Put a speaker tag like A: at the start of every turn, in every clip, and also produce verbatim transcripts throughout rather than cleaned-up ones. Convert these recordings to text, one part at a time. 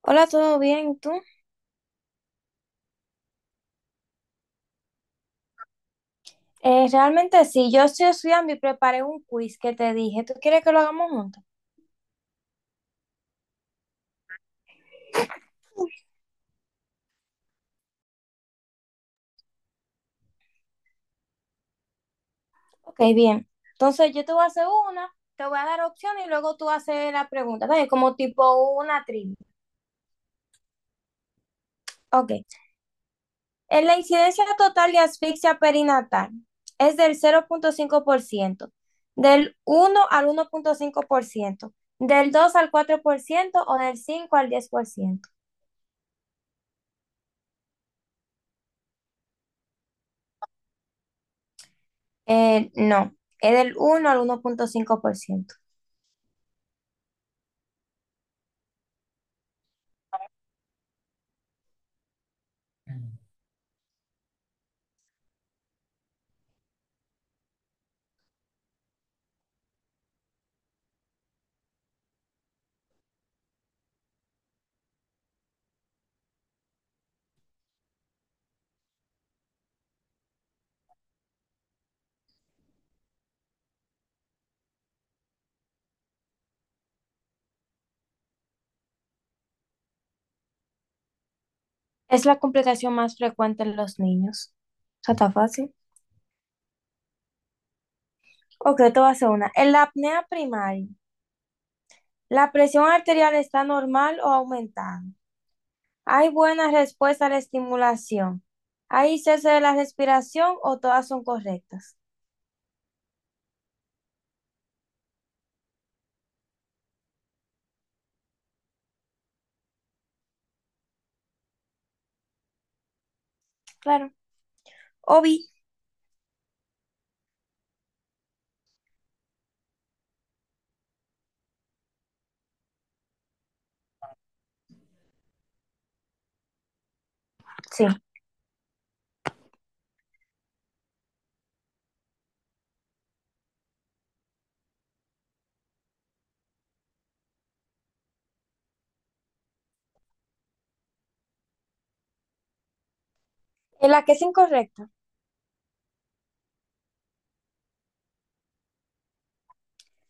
A: Hola, ¿todo bien? ¿Tú? Eh, realmente sí, yo estoy estudiando y preparé un quiz que te dije. ¿Tú quieres que lo hagamos juntos? Ok, bien. Entonces yo te voy a hacer una, te voy a dar opciones y luego tú haces la pregunta, ¿vale? Como tipo una trivia. Ok. ¿En la incidencia total de asfixia perinatal es del cero punto cinco por ciento, del uno al uno punto cinco por ciento, del dos al cuatro por ciento o del cinco al diez por ciento? Eh, no, es del uno al uno punto cinco por ciento. Es la complicación más frecuente en los niños. Eso está fácil. Ok, te voy a hacer una. En la apnea primaria, ¿la presión arterial está normal o aumentada? ¿Hay buena respuesta a la estimulación? ¿Hay cese de la respiración o todas son correctas? Claro. Obi, sí. ¿En la que es incorrecta?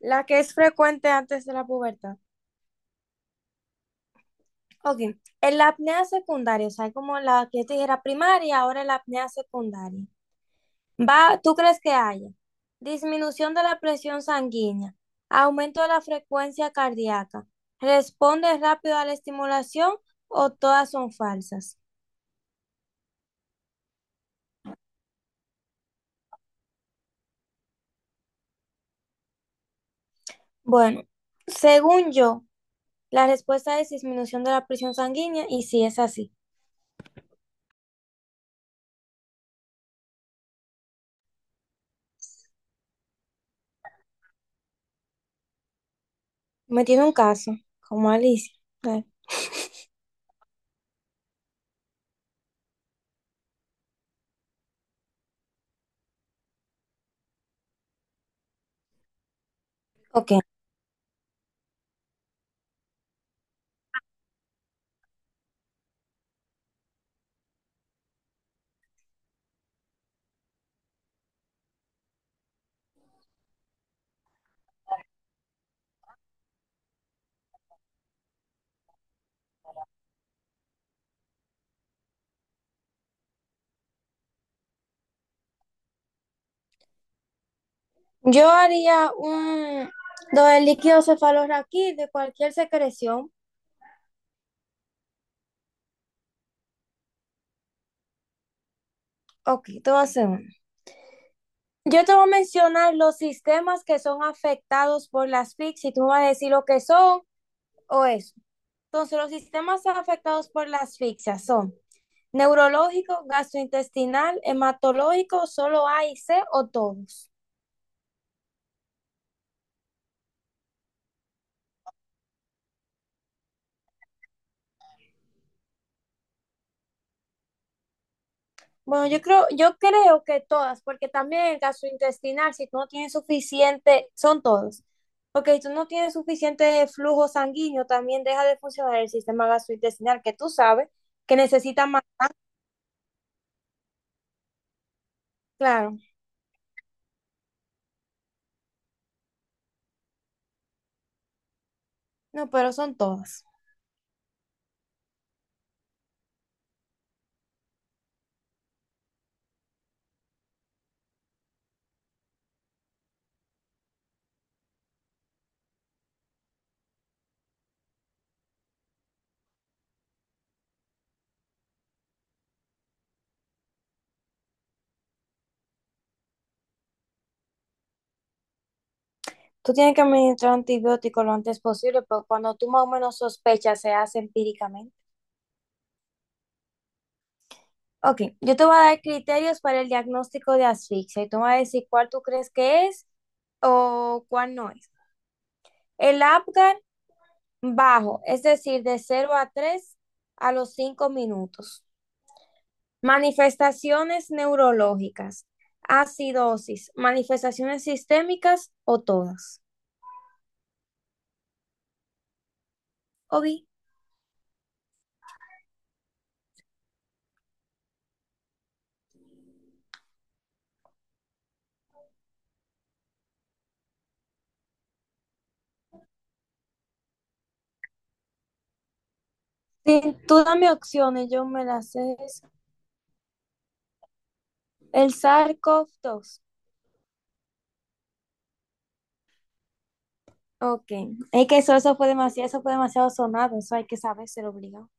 A: La que es frecuente antes de la pubertad. Ok, en la apnea secundaria, o sea, como la que yo te dije era primaria, ahora es la apnea secundaria. Va, ¿tú crees que haya? Disminución de la presión sanguínea, aumento de la frecuencia cardíaca, responde rápido a la estimulación o todas son falsas. Bueno, según yo, la respuesta es disminución de la presión sanguínea y si es así. Me tiene un caso, como Alicia. Eh, Ok, yo haría un... Lo del líquido cefalorraquí de cualquier secreción. Ok, te voy a hacer uno. Yo te voy a mencionar los sistemas que son afectados por las asfixia y tú me vas a decir lo que son o eso. Entonces, los sistemas afectados por la asfixia son neurológico, gastrointestinal, hematológico, solo A y C o todos. Bueno, yo creo, yo creo que todas, porque también el gastrointestinal, si tú no tienes suficiente, son todos. Porque si tú no tienes suficiente flujo sanguíneo, también deja de funcionar el sistema gastrointestinal, que tú sabes que necesita más. Claro, no, pero son todas. Tú tienes que administrar antibióticos lo antes posible, pero cuando tú más o menos sospechas, se hace empíricamente. Ok, yo te voy a dar criterios para el diagnóstico de asfixia y tú me vas a decir cuál tú crees que es o cuál no es. El Apgar bajo, es decir, de cero a tres a los cinco minutos. Manifestaciones neurológicas, acidosis, manifestaciones sistémicas o todas. Obi, sí, tú dame opciones, yo me las sé. El Sarkov dos. Ok. Es que eso, eso fue demasiado, eso fue demasiado sonado. Eso hay que saber, se lo obligado.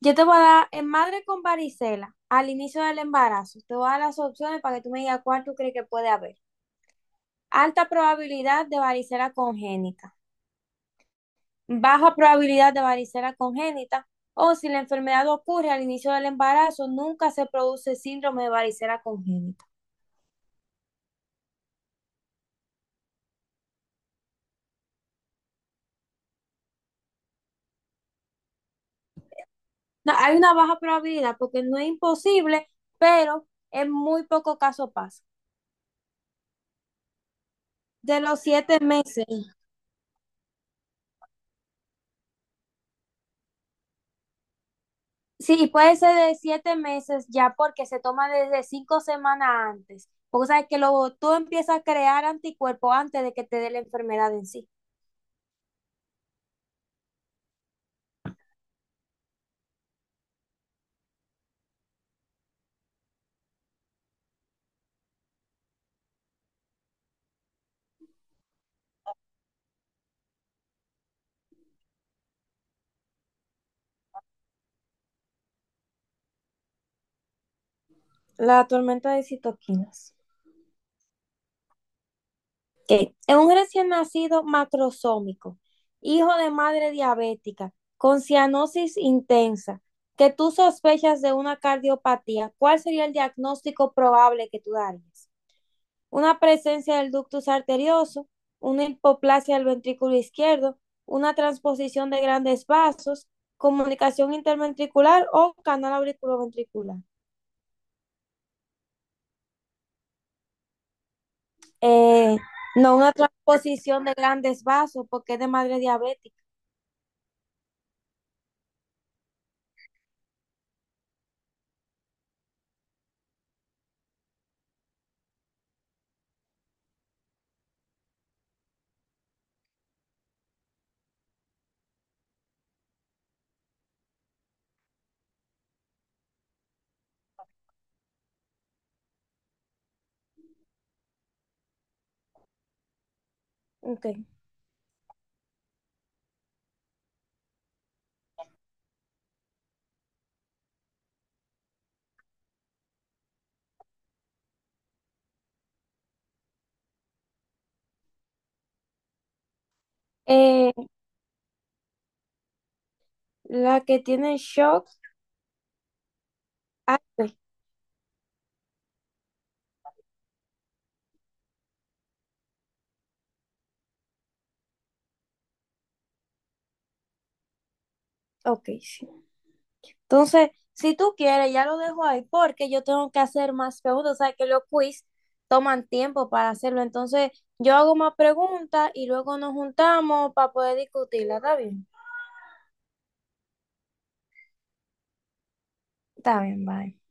A: Yo te voy a dar en madre con varicela al inicio del embarazo. Te voy a dar las opciones para que tú me digas cuál tú crees que puede haber. Alta probabilidad de varicela congénita, baja probabilidad de varicela congénita, o si la enfermedad ocurre al inicio del embarazo, nunca se produce síndrome de varicela congénita. No, hay una baja probabilidad porque no es imposible, pero en muy poco caso pasa. De los siete meses. Sí, puede ser de siete meses ya porque se toma desde cinco semanas antes. Porque sabes que lo, tú empiezas a crear anticuerpos antes de que te dé la enfermedad en sí. La tormenta de citoquinas. Ok. Es un recién nacido macrosómico, hijo de madre diabética, con cianosis intensa, que tú sospechas de una cardiopatía. ¿Cuál sería el diagnóstico probable que tú darías? Una presencia del ductus arterioso, una hipoplasia del ventrículo izquierdo, una transposición de grandes vasos, comunicación interventricular o canal auriculoventricular. Eh, no, una transposición de grandes vasos porque es de madre diabética. Okay. Eh, la que tiene shock. Ah, ok, ok, sí. Entonces, si tú quieres, ya lo dejo ahí porque yo tengo que hacer más preguntas. O sea, que los quiz toman tiempo para hacerlo. Entonces, yo hago más preguntas y luego nos juntamos para poder discutirla. ¿Está bien? Está bien, bye.